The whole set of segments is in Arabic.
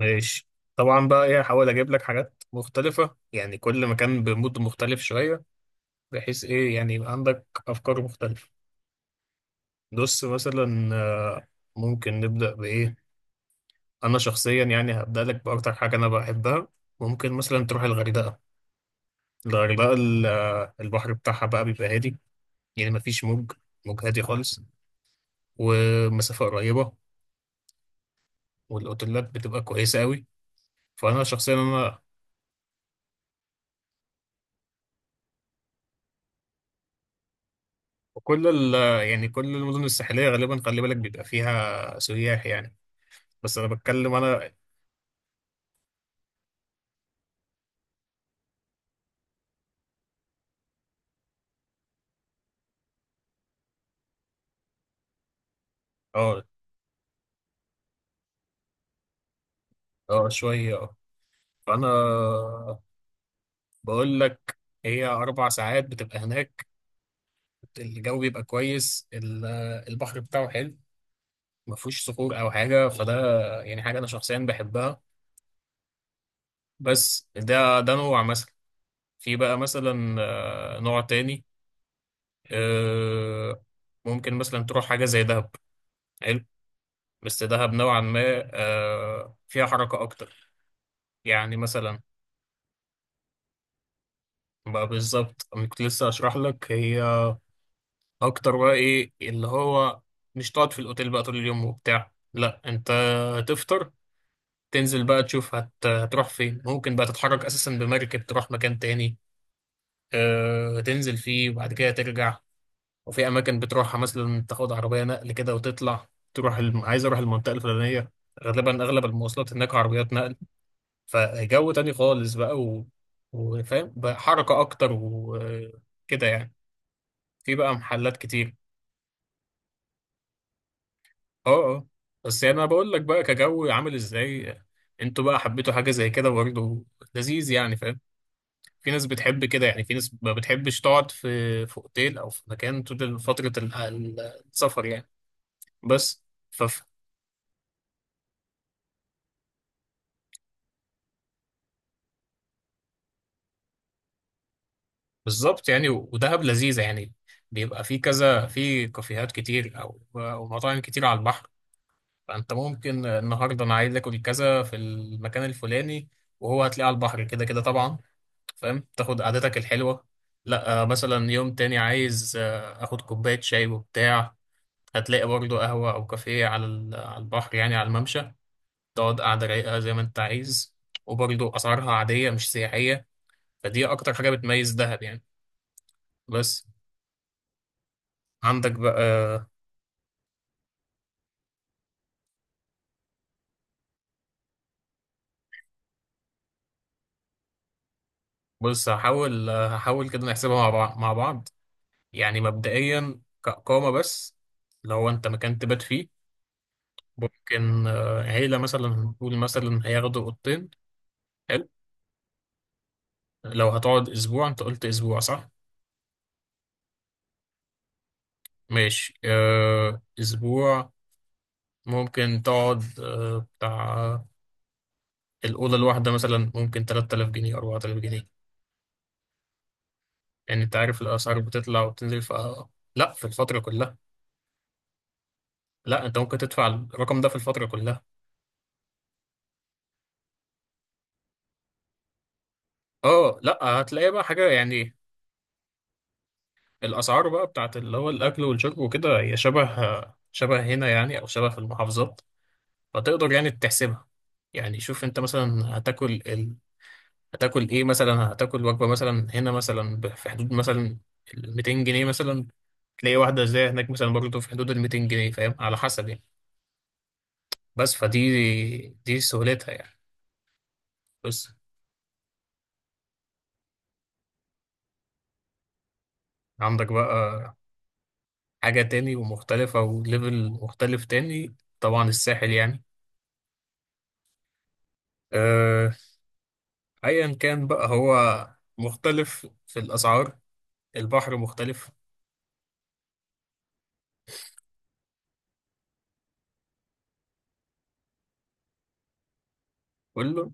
ماشي. طبعا بقى، ايه، هحاول اجيب لك حاجات مختلفة، يعني كل مكان بمود مختلف شوية، بحيث ايه، يعني يبقى عندك افكار مختلفة. بص مثلا، ممكن نبدأ بايه؟ انا شخصيا يعني هبدأ لك باكتر حاجة انا بحبها. ممكن مثلا تروح الغردقة. الغردقة البحر بتاعها بقى بيبقى هادي، يعني مفيش موج هادي خالص، ومسافة قريبة، والاوتيلات بتبقى كويسة قوي. فانا شخصيا وكل ال يعني كل المدن الساحلية غالبا خلي بالك بيبقى فيها سياح يعني. بس أنا بتكلم أنا. أه أه شوية أه فأنا بقول لك، هي 4 ساعات بتبقى هناك، الجو بيبقى كويس، البحر بتاعه حلو، ما فيهوش صخور أو حاجة، فده يعني حاجة أنا شخصيا بحبها. بس ده نوع مثلا. في بقى مثلا نوع تاني. آه، ممكن مثلا تروح حاجة زي دهب. حلو، بس دهب نوعا ما فيها حركة أكتر. يعني مثلا بقى، بالظبط أنا كنت لسه أشرح لك، هي أكتر بقى، إيه اللي هو، مش تقعد في الأوتيل بقى طول اليوم وبتاع، لأ، أنت هتفطر، تنزل بقى تشوف، هتروح فين. ممكن بقى تتحرك أساسا بمركب، تروح مكان تاني، تنزل فيه وبعد كده ترجع. وفي أماكن بتروحها مثلا تاخد عربية نقل كده وتطلع، تروح عايز أروح المنطقة الفلانية. غالبا أغلب المواصلات هناك عربيات نقل. فجو تاني خالص بقى وفاهم بقى، حركة أكتر وكده يعني. في بقى محلات كتير. اه، اه، بس يعني أنا بقول لك بقى، كجو عامل ازاي، انتوا بقى حبيتوا حاجة زي كده برضه؟ لذيذ يعني، فاهم. في ناس بتحب كده، يعني في ناس ما بتحبش تقعد في اوتيل او في مكان طول فترة السفر يعني. بس فف بالظبط يعني. ودهب لذيذة يعني، بيبقى في كذا، في كافيهات كتير او مطاعم كتير على البحر. فانت ممكن، النهارده انا عايز اكل كذا في المكان الفلاني، وهو هتلاقيه على البحر كده كده طبعا، فاهم، تاخد قعدتك الحلوه. لا مثلا يوم تاني عايز اخد كوبايه شاي وبتاع، هتلاقي برضه قهوه او كافيه على على البحر، يعني على الممشى، تقعد قعده رايقه زي ما انت عايز. وبرضه اسعارها عاديه مش سياحيه. فدي اكتر حاجه بتميز دهب يعني. بس عندك بقى بص هحاول هحاول كده نحسبها مع بعض. يعني مبدئيا كإقامة بس، لو أنت مكان تبات فيه، ممكن عيلة مثلا نقول مثلا هياخدوا أوضتين. حلو. لو هتقعد أسبوع، أنت قلت أسبوع صح؟ ماشي، أسبوع. ممكن تقعد بتاع، الأوضة الواحدة مثلا ممكن 3000 جنيه، 4000 جنيه. يعني أنت عارف الأسعار بتطلع وبتنزل. ف، لا، في الفترة كلها. لا، أنت ممكن تدفع الرقم ده في الفترة كلها. اه، لا هتلاقي بقى حاجة يعني، الاسعار بقى بتاعت اللي هو الاكل والشرب وكده، هي شبه، شبه هنا يعني، او شبه في المحافظات، فتقدر يعني تحسبها. يعني شوف انت مثلا، هتاكل ايه مثلا، هتاكل وجبه مثلا هنا مثلا، في حدود مثلا ال 200 جنيه مثلا، تلاقي واحده زي هناك مثلا برضه في حدود ال 200 جنيه، فاهم، على حسب يعني. بس دي سهولتها يعني. بس عندك بقى حاجه تاني ومختلفه وليفل مختلف تاني، طبعا الساحل يعني. آه، ايا كان بقى، هو مختلف في الاسعار، البحر مختلف، كله.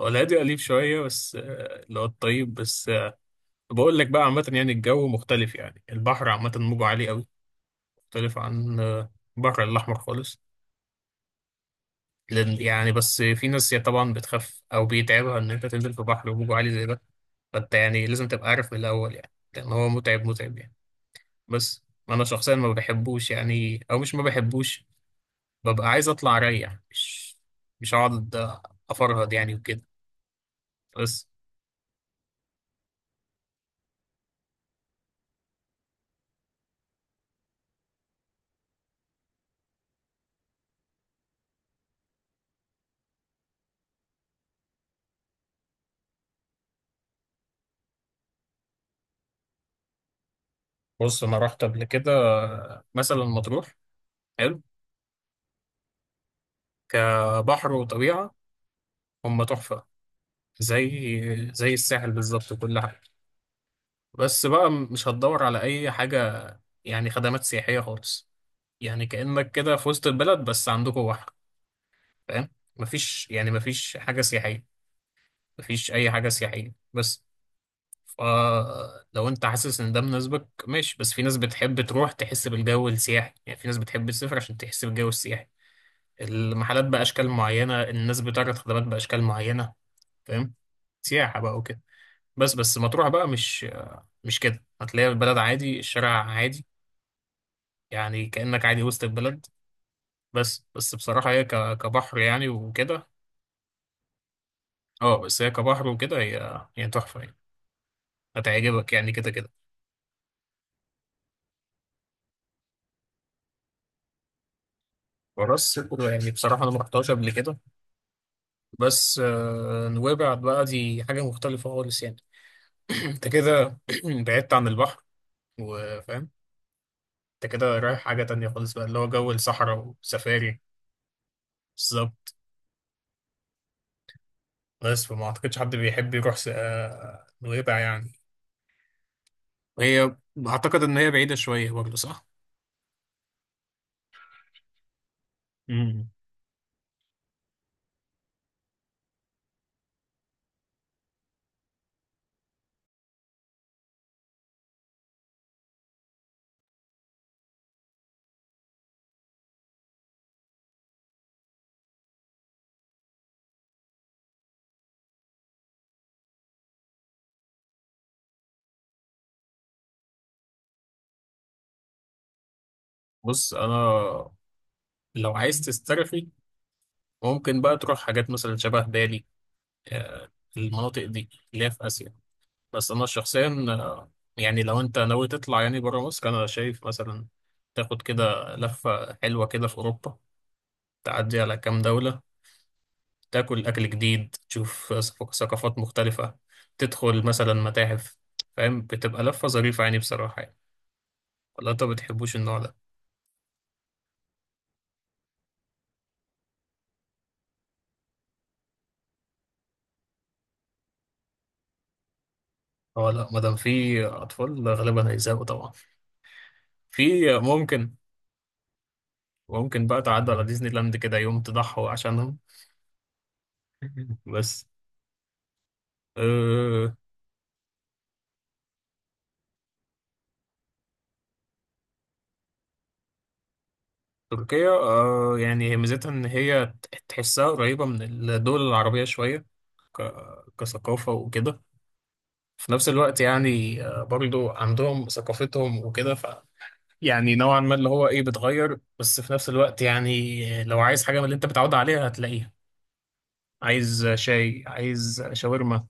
هو الهادي قليل شويه، بس اللي هو الطيب، بس بقول لك بقى، عامه يعني الجو مختلف، يعني البحر عامه موجه عالي قوي، مختلف عن البحر الاحمر خالص. يعني بس في ناس يعني طبعا بتخاف، او بيتعبها ان انت تنزل في بحر وموجه عالي زي ده. فانت يعني لازم تبقى عارف من الاول، يعني لان هو متعب، متعب يعني. بس انا شخصيا ما بحبوش يعني، او مش ما بحبوش، ببقى عايز اطلع اريح، مش هقعد افرهد يعني وكده. بس. بص انا رحت قبل كده مثلا مطروح، حلو كبحر وطبيعه، هم تحفه، زي، زي الساحل بالظبط وكل حاجه. بس بقى مش هتدور على اي حاجه، يعني خدمات سياحيه خالص، يعني كانك كده في وسط البلد بس عندكم بحر، فاهم. مفيش يعني، مفيش حاجه سياحيه، مفيش اي حاجه سياحيه. بس فلو انت حاسس ان ده مناسبك ماشي. بس في ناس بتحب تروح تحس بالجو السياحي، يعني في ناس بتحب تسافر عشان تحس بالجو السياحي، المحلات بأشكال معينة، الناس بتعرض خدمات بأشكال معينة، فاهم، سياحة بقى وكده. بس مطروح بقى مش، مش كده، هتلاقي البلد عادي، الشارع عادي، يعني كأنك عادي وسط البلد. بس بصراحة هي كبحر يعني وكده. اه بس هي كبحر وكده هي هي تحفة يعني، هتعجبك يعني كده كده. وراس صدر يعني بصراحة أنا ما رحتهاش قبل كده. بس نويبع بقى دي حاجة مختلفة خالص يعني. انت كده بعدت عن البحر، وفاهم، انت كده رايح حاجة تانية خالص بقى، اللي هو جو الصحراء وسفاري. بالظبط. بس فما اعتقدش حد بيحب يروح نويبع يعني. وهي اعتقد ان هي بعيدة شوية برضه صح؟ مم. بص انا، لو عايز تسترخي ممكن بقى تروح حاجات مثلا شبه بالي، آه، المناطق دي اللي هي في آسيا. بس انا شخصيا يعني لو انت ناوي تطلع يعني بره مصر، انا شايف مثلا تاخد كده لفة حلوة كده في اوروبا، تعدي على كام دولة، تاكل اكل جديد، تشوف ثقافات مختلفة، تدخل مثلا متاحف، فاهم، بتبقى لفة ظريفة يعني بصراحة يعني. ولا انت بتحبوش النوع ده؟ هو لا، مادام في اطفال غالبا هيزهقوا طبعا. في ممكن، ممكن بقى تعدي على ديزني لاند كده يوم تضحوا عشانهم. بس آه، تركيا، آه يعني هي ميزتها ان هي تحسها قريبة من الدول العربية شوية، كثقافة وكده. في نفس الوقت يعني آه برضو عندهم ثقافتهم وكده. ف يعني نوعا ما اللي هو ايه، بتغير، بس في نفس الوقت يعني لو عايز حاجة من اللي انت متعود عليها هتلاقيها. عايز شاي، عايز شاورما،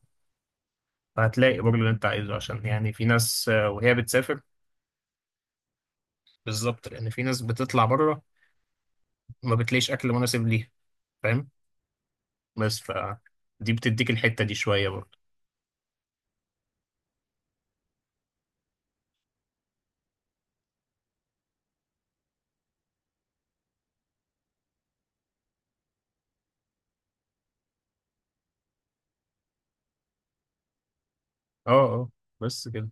فهتلاقي برضو اللي انت عايزه. عشان يعني في ناس وهي بتسافر بالظبط، لان في ناس بتطلع بره ما بتلاقيش اكل مناسب ليها، فاهم. بس ف، دي بتديك الحتة دي شوية. اه اه بس كده.